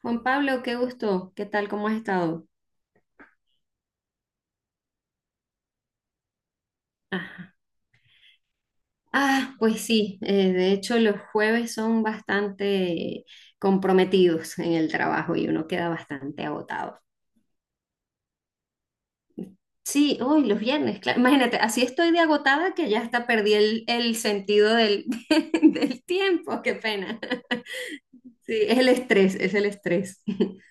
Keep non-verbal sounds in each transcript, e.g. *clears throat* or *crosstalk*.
Juan Pablo, qué gusto. ¿Qué tal? ¿Cómo has estado? Ajá. Ah, pues sí, de hecho los jueves son bastante comprometidos en el trabajo y uno queda bastante agotado. Sí, hoy los viernes, claro. Imagínate, así estoy de agotada que ya hasta perdí el sentido del, *laughs* del tiempo, qué pena. Sí, es el estrés, es el estrés. *laughs*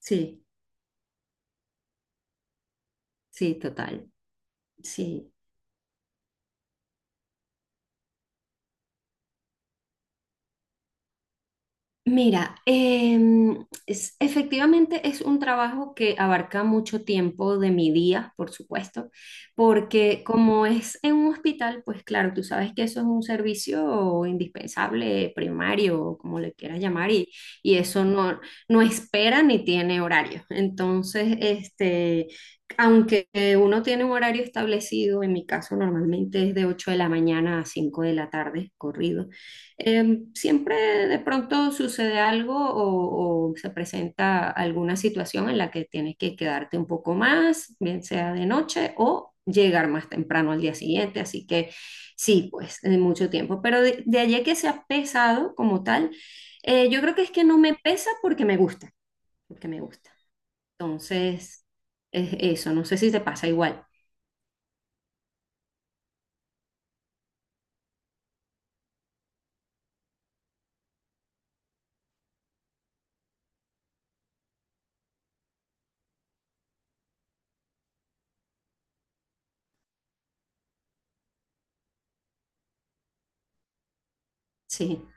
Sí, sí, total. Sí. Mira, efectivamente es un trabajo que abarca mucho tiempo de mi día, por supuesto, porque como es en un hospital, pues claro, tú sabes que eso es un servicio indispensable, primario, o como le quieras llamar, y eso no espera ni tiene horario. Entonces, este, aunque uno tiene un horario establecido, en mi caso normalmente es de 8 de la mañana a 5 de la tarde, corrido. Siempre de pronto sucede algo o se presenta alguna situación en la que tienes que quedarte un poco más, bien sea de noche o llegar más temprano al día siguiente. Así que sí, pues de mucho tiempo. Pero de allí a que sea pesado como tal, yo creo que es que no me pesa porque me gusta, porque me gusta. Entonces, es eso, no sé si te pasa igual. Sí.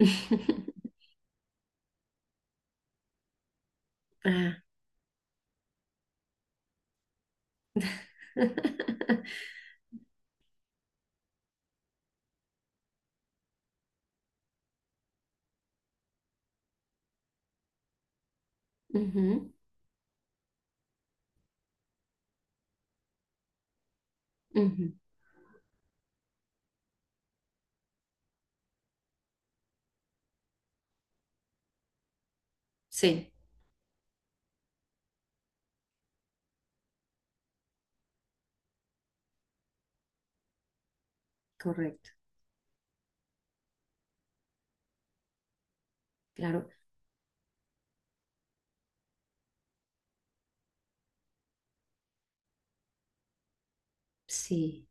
*laughs* Ah. *laughs* Ujú, ujú. Sí, correcto. Claro, sí.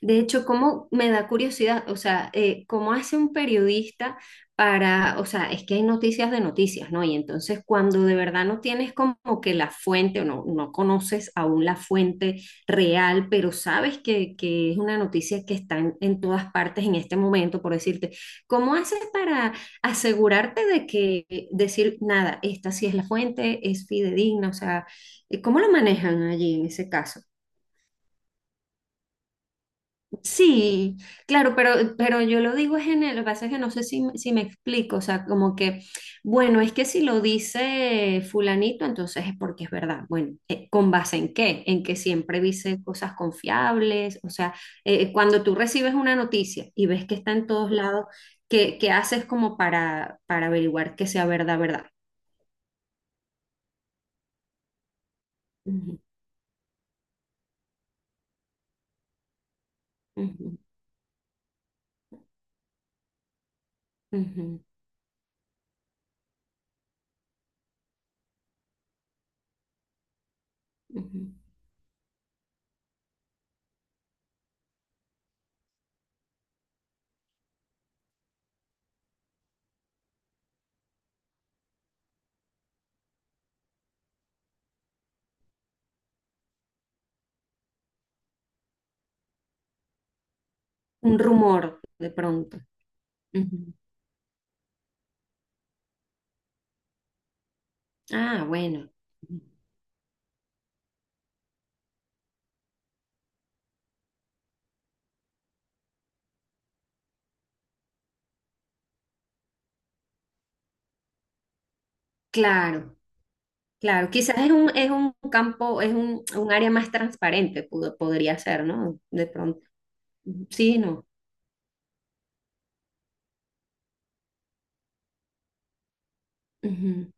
De hecho, ¿cómo me da curiosidad? O sea, ¿cómo hace un periodista para, o sea, es que hay noticias de noticias, ¿no? Y entonces cuando de verdad no tienes como que la fuente o no, no conoces aún la fuente real, pero sabes que es una noticia que está en todas partes en este momento, por decirte, ¿cómo haces para asegurarte de que decir, nada, esta sí es la fuente, es fidedigna? O sea, ¿cómo lo manejan allí en ese caso? Sí, claro, pero yo lo digo es en el, lo que pasa es que no sé si, si me explico, o sea, como que, bueno, es que si lo dice fulanito, entonces es porque es verdad. Bueno, ¿con base en qué? En que siempre dice cosas confiables, o sea, cuando tú recibes una noticia y ves que está en todos lados, ¿qué, qué haces como para averiguar que sea verdad, verdad? Ujú, ujú, ujú, ujú. Un rumor de pronto. Ujú. Ah, bueno. Claro. Claro, quizás es un campo, es un área más transparente, podría ser, ¿no? De pronto. Sí, no. Ujú.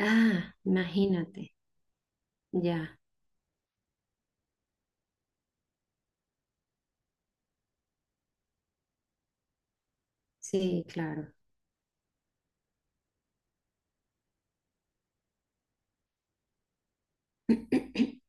Ah, imagínate. Ya, sí, claro. *clears throat*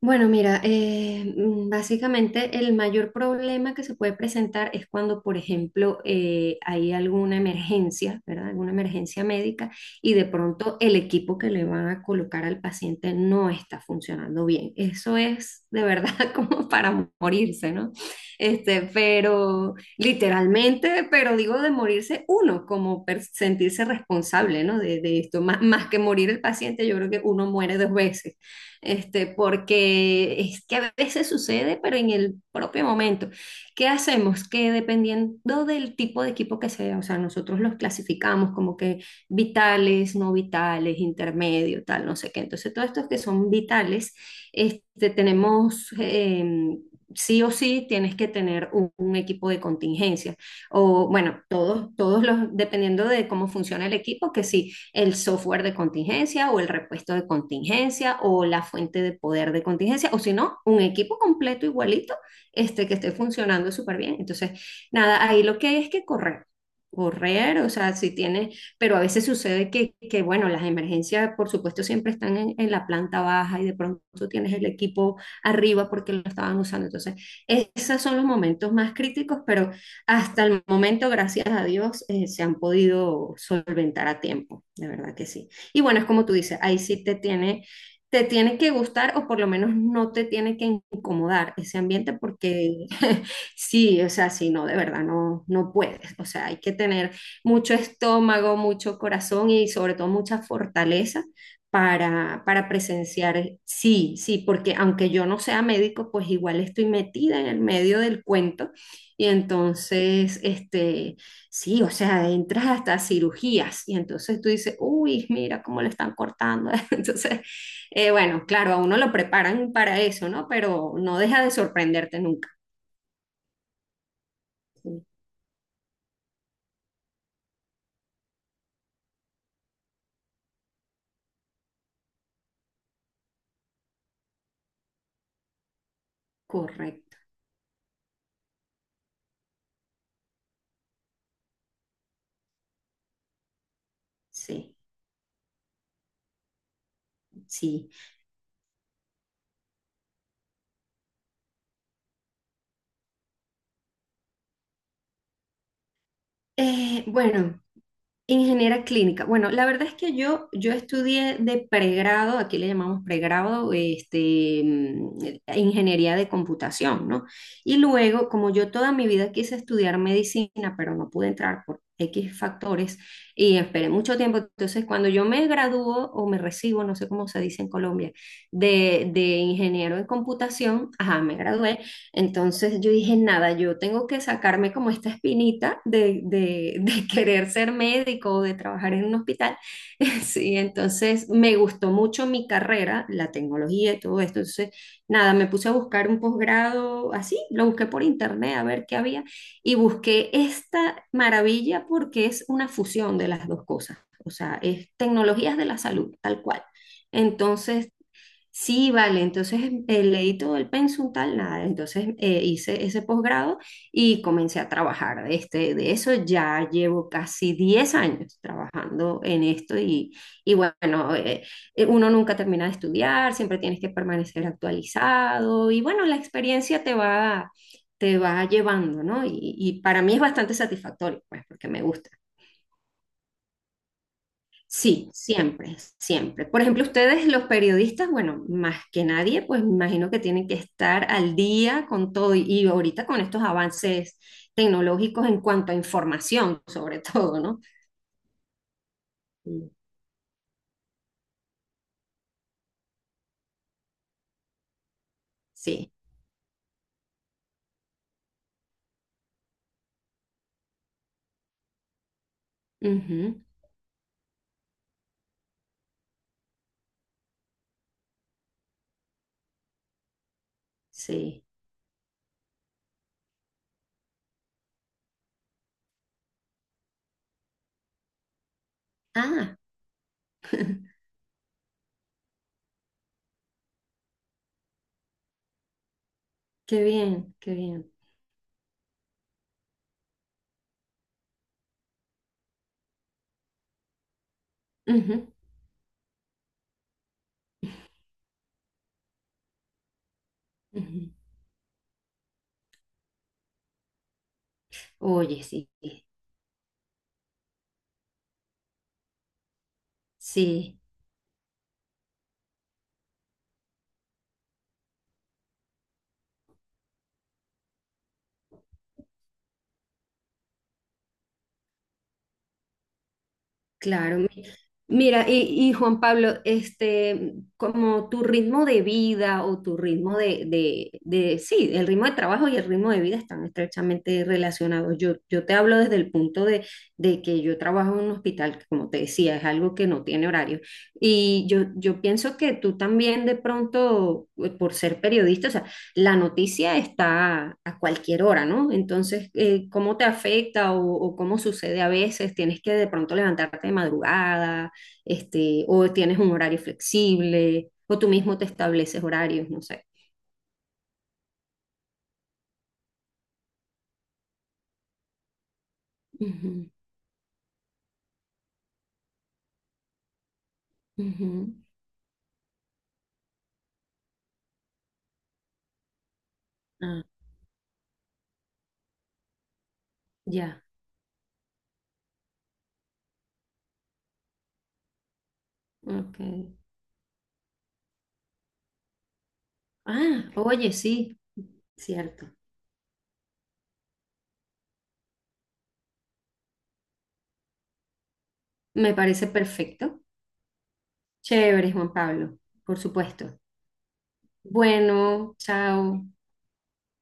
Bueno, mira, básicamente el mayor problema que se puede presentar es cuando, por ejemplo, hay alguna emergencia, ¿verdad? Alguna emergencia médica y de pronto el equipo que le van a colocar al paciente no está funcionando bien. Eso es de verdad *laughs* como para morirse, ¿no? Este, pero literalmente, pero digo de morirse uno, como sentirse responsable, ¿no? De esto, más, más que morir el paciente, yo creo que uno muere dos veces este, porque es que a veces sucede, pero en el propio momento. ¿Qué hacemos? Que dependiendo del tipo de equipo que sea, o sea, nosotros los clasificamos como que vitales, no vitales, intermedio, tal, no sé qué. Entonces, todos estos que son vitales, este, tenemos... sí o sí tienes que tener un equipo de contingencia. O bueno, todos, todos los, dependiendo de cómo funciona el equipo, que sí, el software de contingencia o el repuesto de contingencia o la fuente de poder de contingencia, o si no, un equipo completo igualito este, que esté funcionando súper bien. Entonces, nada, ahí lo que hay es que correr correr, o sea, si tiene, pero a veces sucede que bueno, las emergencias, por supuesto, siempre están en, la planta baja y de pronto tienes el equipo arriba porque lo estaban usando. Entonces, esos son los momentos más críticos, pero hasta el momento, gracias a Dios, se han podido solventar a tiempo, de verdad que sí. Y bueno, es como tú dices, ahí sí te tiene que gustar o por lo menos no te tiene que incomodar ese ambiente porque *laughs* sí, o sea, sí, no, de verdad, no, no puedes. O sea, hay que tener mucho estómago, mucho corazón y sobre todo mucha fortaleza para presenciar. Sí, sí, porque aunque yo no sea médico, pues igual estoy metida en el medio del cuento y entonces, este, sí, o sea, entras hasta cirugías y entonces tú dices, uy, mira cómo le están cortando. *laughs* Entonces, bueno, claro, a uno lo preparan para eso, ¿no? Pero no deja de sorprenderte nunca. Sí, correcto, sí, sí. Bueno. Ingeniera clínica. Bueno, la verdad es que yo estudié de pregrado, aquí le llamamos pregrado, este, ingeniería de computación, ¿no? Y luego, como yo toda mi vida quise estudiar medicina, pero no pude entrar por X factores y esperé mucho tiempo, entonces cuando yo me gradúo o me recibo, no sé cómo se dice en Colombia, de ingeniero en computación, ajá, me gradué, entonces yo dije, nada, yo tengo que sacarme como esta espinita *laughs* de querer ser médico o de trabajar en un hospital. *laughs* Sí, entonces me gustó mucho mi carrera, la tecnología y todo esto. Entonces, nada, me puse a buscar un posgrado así, lo busqué por internet a ver qué había y busqué esta maravilla porque es una fusión de las dos cosas. O sea, es tecnologías de la salud, tal cual. Entonces sí, vale, entonces leí todo el pensum tal, nada, entonces hice ese posgrado y comencé a trabajar de, este, de eso, ya llevo casi 10 años trabajando en esto y bueno, uno nunca termina de estudiar, siempre tienes que permanecer actualizado y bueno, la experiencia te va llevando, ¿no? Y para mí es bastante satisfactorio, pues, porque me gusta. Sí, siempre, siempre. Por ejemplo, ustedes, los periodistas, bueno, más que nadie, pues me imagino que tienen que estar al día con todo y ahorita con estos avances tecnológicos en cuanto a información, sobre *laughs* todo, ¿no? Sí. Sí. Ujú, sí. Ah, qué bien, qué bien. Ujú, ujú. Oye, sí, sí, claro. Mira, y Juan Pablo, este, como tu ritmo de vida o tu ritmo sí, el ritmo de trabajo y el ritmo de vida están estrechamente relacionados. Yo te hablo desde el punto de que yo trabajo en un hospital, que como te decía, es algo que no tiene horario. Y yo pienso que tú también de pronto, por ser periodista, o sea, la noticia está a cualquier hora, ¿no? Entonces, ¿cómo te afecta o cómo sucede a veces? ¿Tienes que de pronto levantarte de madrugada? Este, o tienes un horario flexible, o tú mismo te estableces horarios, no sé. Ujú, ujú. Ah, ya, ok. Ah, oye, sí, cierto. Me parece perfecto. Chévere, Juan Pablo, por supuesto. Bueno, chao.